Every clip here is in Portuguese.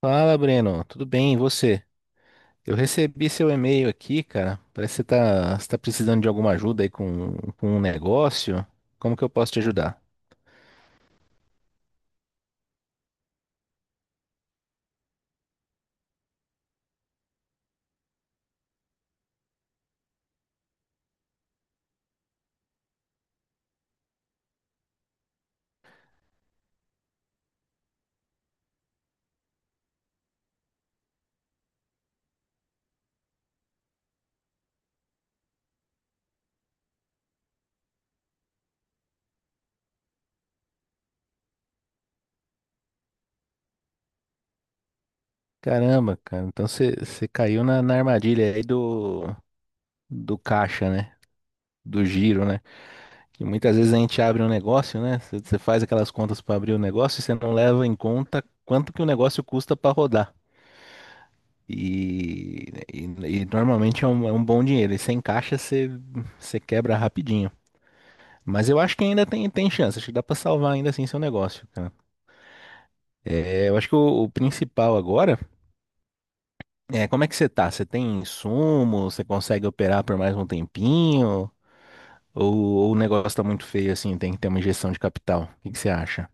Fala, Breno. Tudo bem, e você? Eu recebi seu e-mail aqui, cara. Parece que você tá precisando de alguma ajuda aí com um negócio. Como que eu posso te ajudar? Caramba, cara. Então você caiu na armadilha aí do caixa, né? Do giro, né? Que muitas vezes a gente abre um negócio, né? Você faz aquelas contas para abrir o negócio e você não leva em conta quanto que o negócio custa para rodar. E, e, e normalmente é um bom dinheiro. E sem caixa você quebra rapidinho. Mas eu acho que ainda tem chance, acho que dá pra salvar ainda assim seu negócio, cara. É, eu acho que o principal agora é como é que você tá? Você tem insumo? Você consegue operar por mais um tempinho? Ou, ou o negócio tá muito feio assim, tem que ter uma injeção de capital? O que que você acha?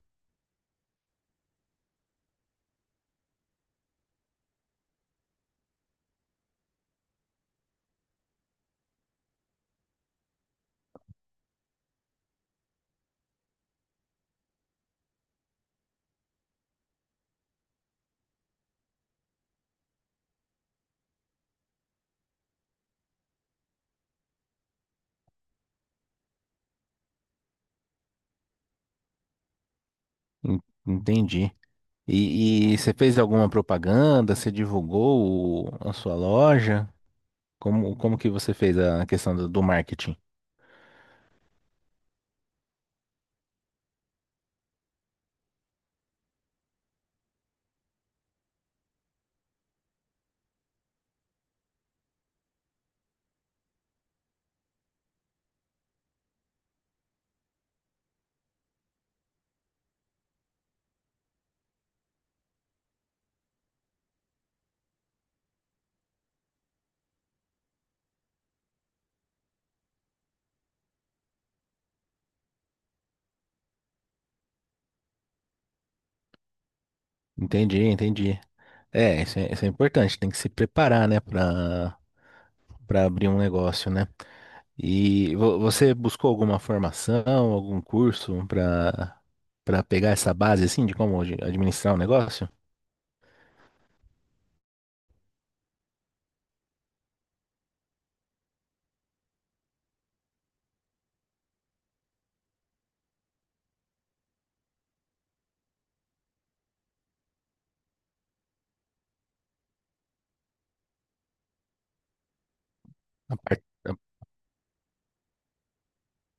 En- Entendi. E você fez alguma propaganda? Você divulgou a sua loja? Como que você fez a questão do marketing? Entendi, entendi. É, isso é importante, tem que se preparar, né, pra para abrir um negócio, né? E você buscou alguma formação, algum curso para pegar essa base assim de como de administrar um negócio? A parte-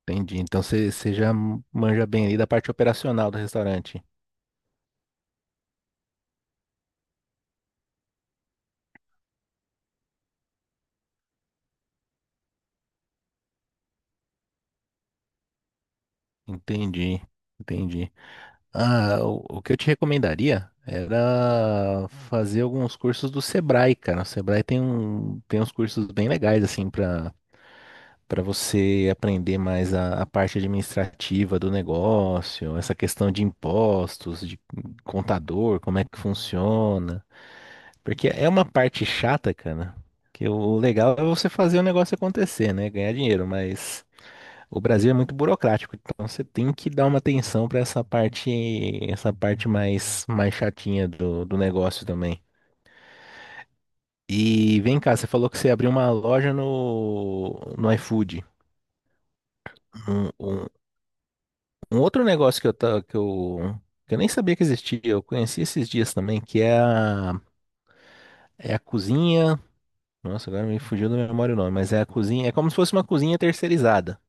Entendi. Então você já manja bem ali da parte operacional do restaurante. Entendi. Entendi. Ah, o que eu te recomendaria era fazer alguns cursos do Sebrae, cara. O Sebrae tem um tem uns cursos bem legais assim para você aprender mais a parte administrativa do negócio, essa questão de impostos, de contador, como é que funciona. Porque é uma parte chata, cara, que o legal é você fazer o negócio acontecer, né? Ganhar dinheiro, mas o Brasil é muito burocrático, então você tem que dar uma atenção para essa parte, essa parte mais chatinha do negócio também. E vem cá, você falou que você abriu uma loja no iFood. um, um Um outro negócio que eu, ta- que eu nem sabia que existia, eu conheci esses dias também, que é é a cozinha. Nossa, agora me fugiu da memória o nome, mas é a cozinha. É como se fosse uma cozinha terceirizada.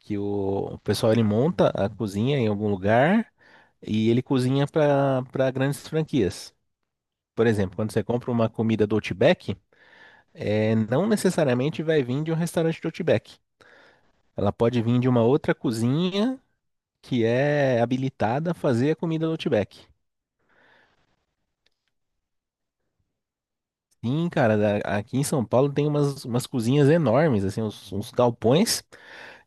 Que o pessoal ele monta a cozinha em algum lugar e ele cozinha para grandes franquias. Por exemplo, quando você compra uma comida do Outback, é, não necessariamente vai vir de um restaurante do Outback. Ela pode vir de uma outra cozinha que é habilitada a fazer a comida do Outback. Sim, cara, aqui em São Paulo tem umas cozinhas enormes, assim, uns galpões,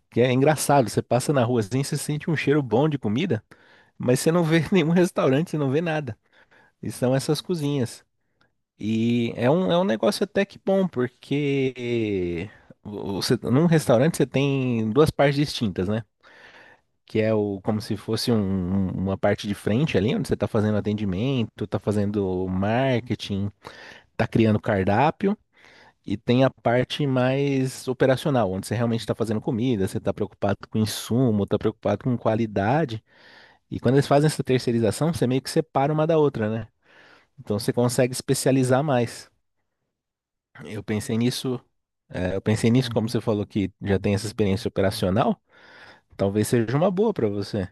que é engraçado. Você passa na rua assim, você sente um cheiro bom de comida, mas você não vê nenhum restaurante, você não vê nada. E são essas cozinhas. E é um negócio até que bom, porque você, num restaurante você tem duas partes distintas, né? Que é o, como se fosse uma parte de frente ali, onde você está fazendo atendimento, está fazendo marketing, está criando cardápio. E tem a parte mais operacional, onde você realmente está fazendo comida, você está preocupado com insumo, está preocupado com qualidade. E quando eles fazem essa terceirização, você meio que separa uma da outra, né? Então você consegue especializar mais. Eu pensei nisso, eu pensei nisso, como você falou que já tem essa experiência operacional, talvez seja uma boa para você.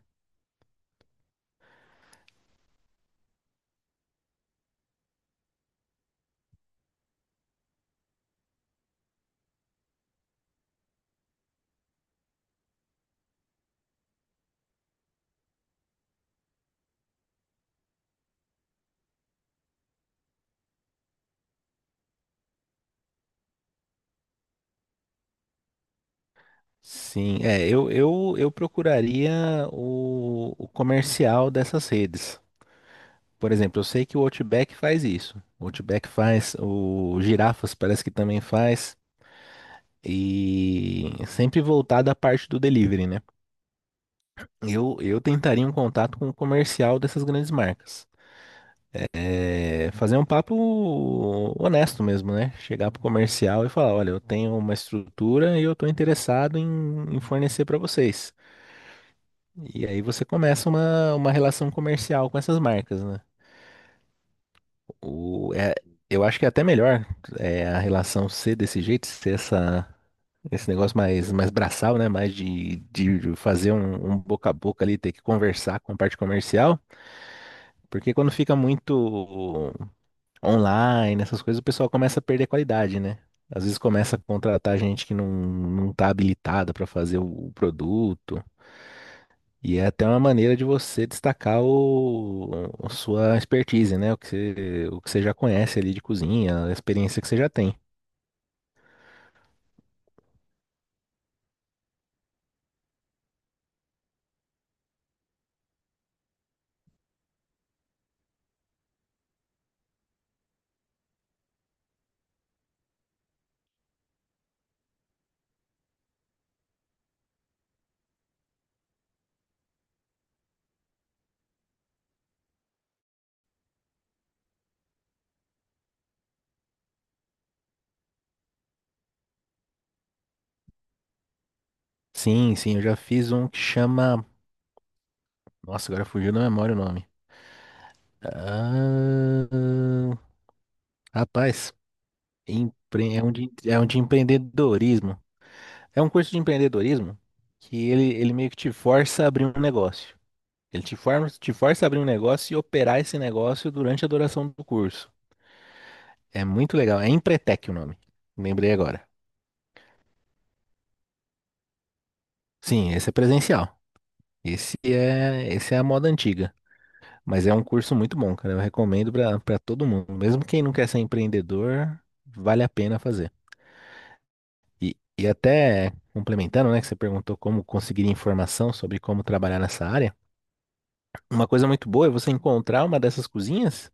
Sim, é, eu procuraria o comercial dessas redes. Por exemplo, eu sei que o Outback faz isso. O Outback faz, o Girafas parece que também faz. E sempre voltado à parte do delivery, né? Eu tentaria um contato com o comercial dessas grandes marcas. É, fazer um papo honesto mesmo, né? Chegar pro comercial e falar, olha, eu tenho uma estrutura e eu tô interessado em fornecer para vocês. E aí você começa uma relação comercial com essas marcas, né? O, é, eu acho que é até melhor é, a relação ser desse jeito, esse negócio mais braçal, né? Mais de fazer um boca a boca ali, ter que conversar com a parte comercial. Porque quando fica muito online, essas coisas, o pessoal começa a perder qualidade, né? Às vezes começa a contratar gente que não tá habilitada para fazer o produto. E é até uma maneira de você destacar a sua expertise, né? O que você já conhece ali de cozinha, a experiência que você já tem. Sim, sim, eu já fiz um que chama. Nossa, agora fugiu da memória o nome. Ah, rapaz, é um de empreendedorismo. É um curso de empreendedorismo que ele meio que te força a abrir um negócio. Ele te forma, te força a abrir um negócio e operar esse negócio durante a duração do curso. É muito legal. É Empretec o nome. Lembrei agora. Sim, esse é presencial. Esse é a moda antiga. Mas é um curso muito bom, cara. Eu recomendo pra para todo mundo. Mesmo quem não quer ser empreendedor, vale a pena fazer. E até complementando, né, que você perguntou como conseguir informação sobre como trabalhar nessa área. Uma coisa muito boa é você encontrar uma dessas cozinhas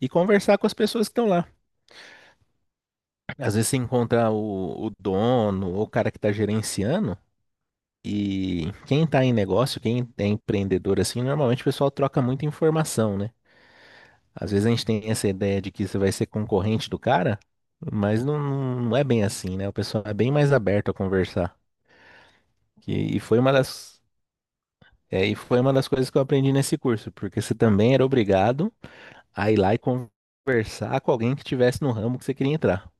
e conversar com as pessoas que estão lá. Às vezes você encontra o dono ou o cara que está gerenciando. E quem está em negócio, quem é empreendedor assim, normalmente o pessoal troca muita informação, né? Às vezes a gente tem essa ideia de que você vai ser concorrente do cara, mas não, não não é bem assim, né? O pessoal é bem mais aberto a conversar. E foi uma das, é, e foi uma das coisas que eu aprendi nesse curso, porque você também era obrigado a ir lá e conversar com alguém que estivesse no ramo que você queria entrar.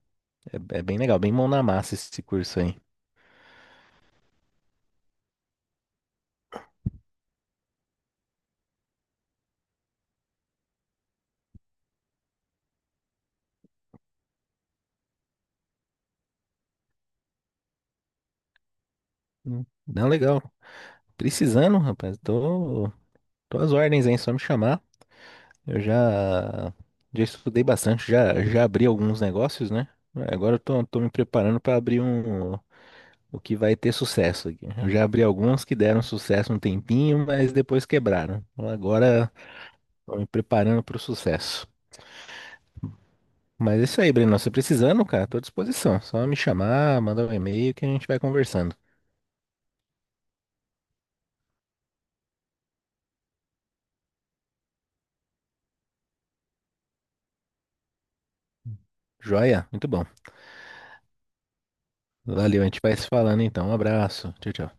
É, é bem legal, bem mão na massa esse curso aí. Hum. Não, legal. Precisando, rapaz, tô às ordens, hein? Só me chamar. Eu já, já estudei bastante, já abri alguns negócios, né? Agora eu tô me preparando para abrir um, o que vai ter sucesso aqui. Eu já abri alguns que deram sucesso um tempinho, mas depois quebraram. Então agora tô me preparando para o sucesso. Mas é isso aí, Breno. Você precisando, cara, tô à disposição. Só me chamar, mandar um e-mail que a gente vai conversando. Joia? Muito bom. Valeu, a gente vai se falando então. Um abraço. Tchau, tchau.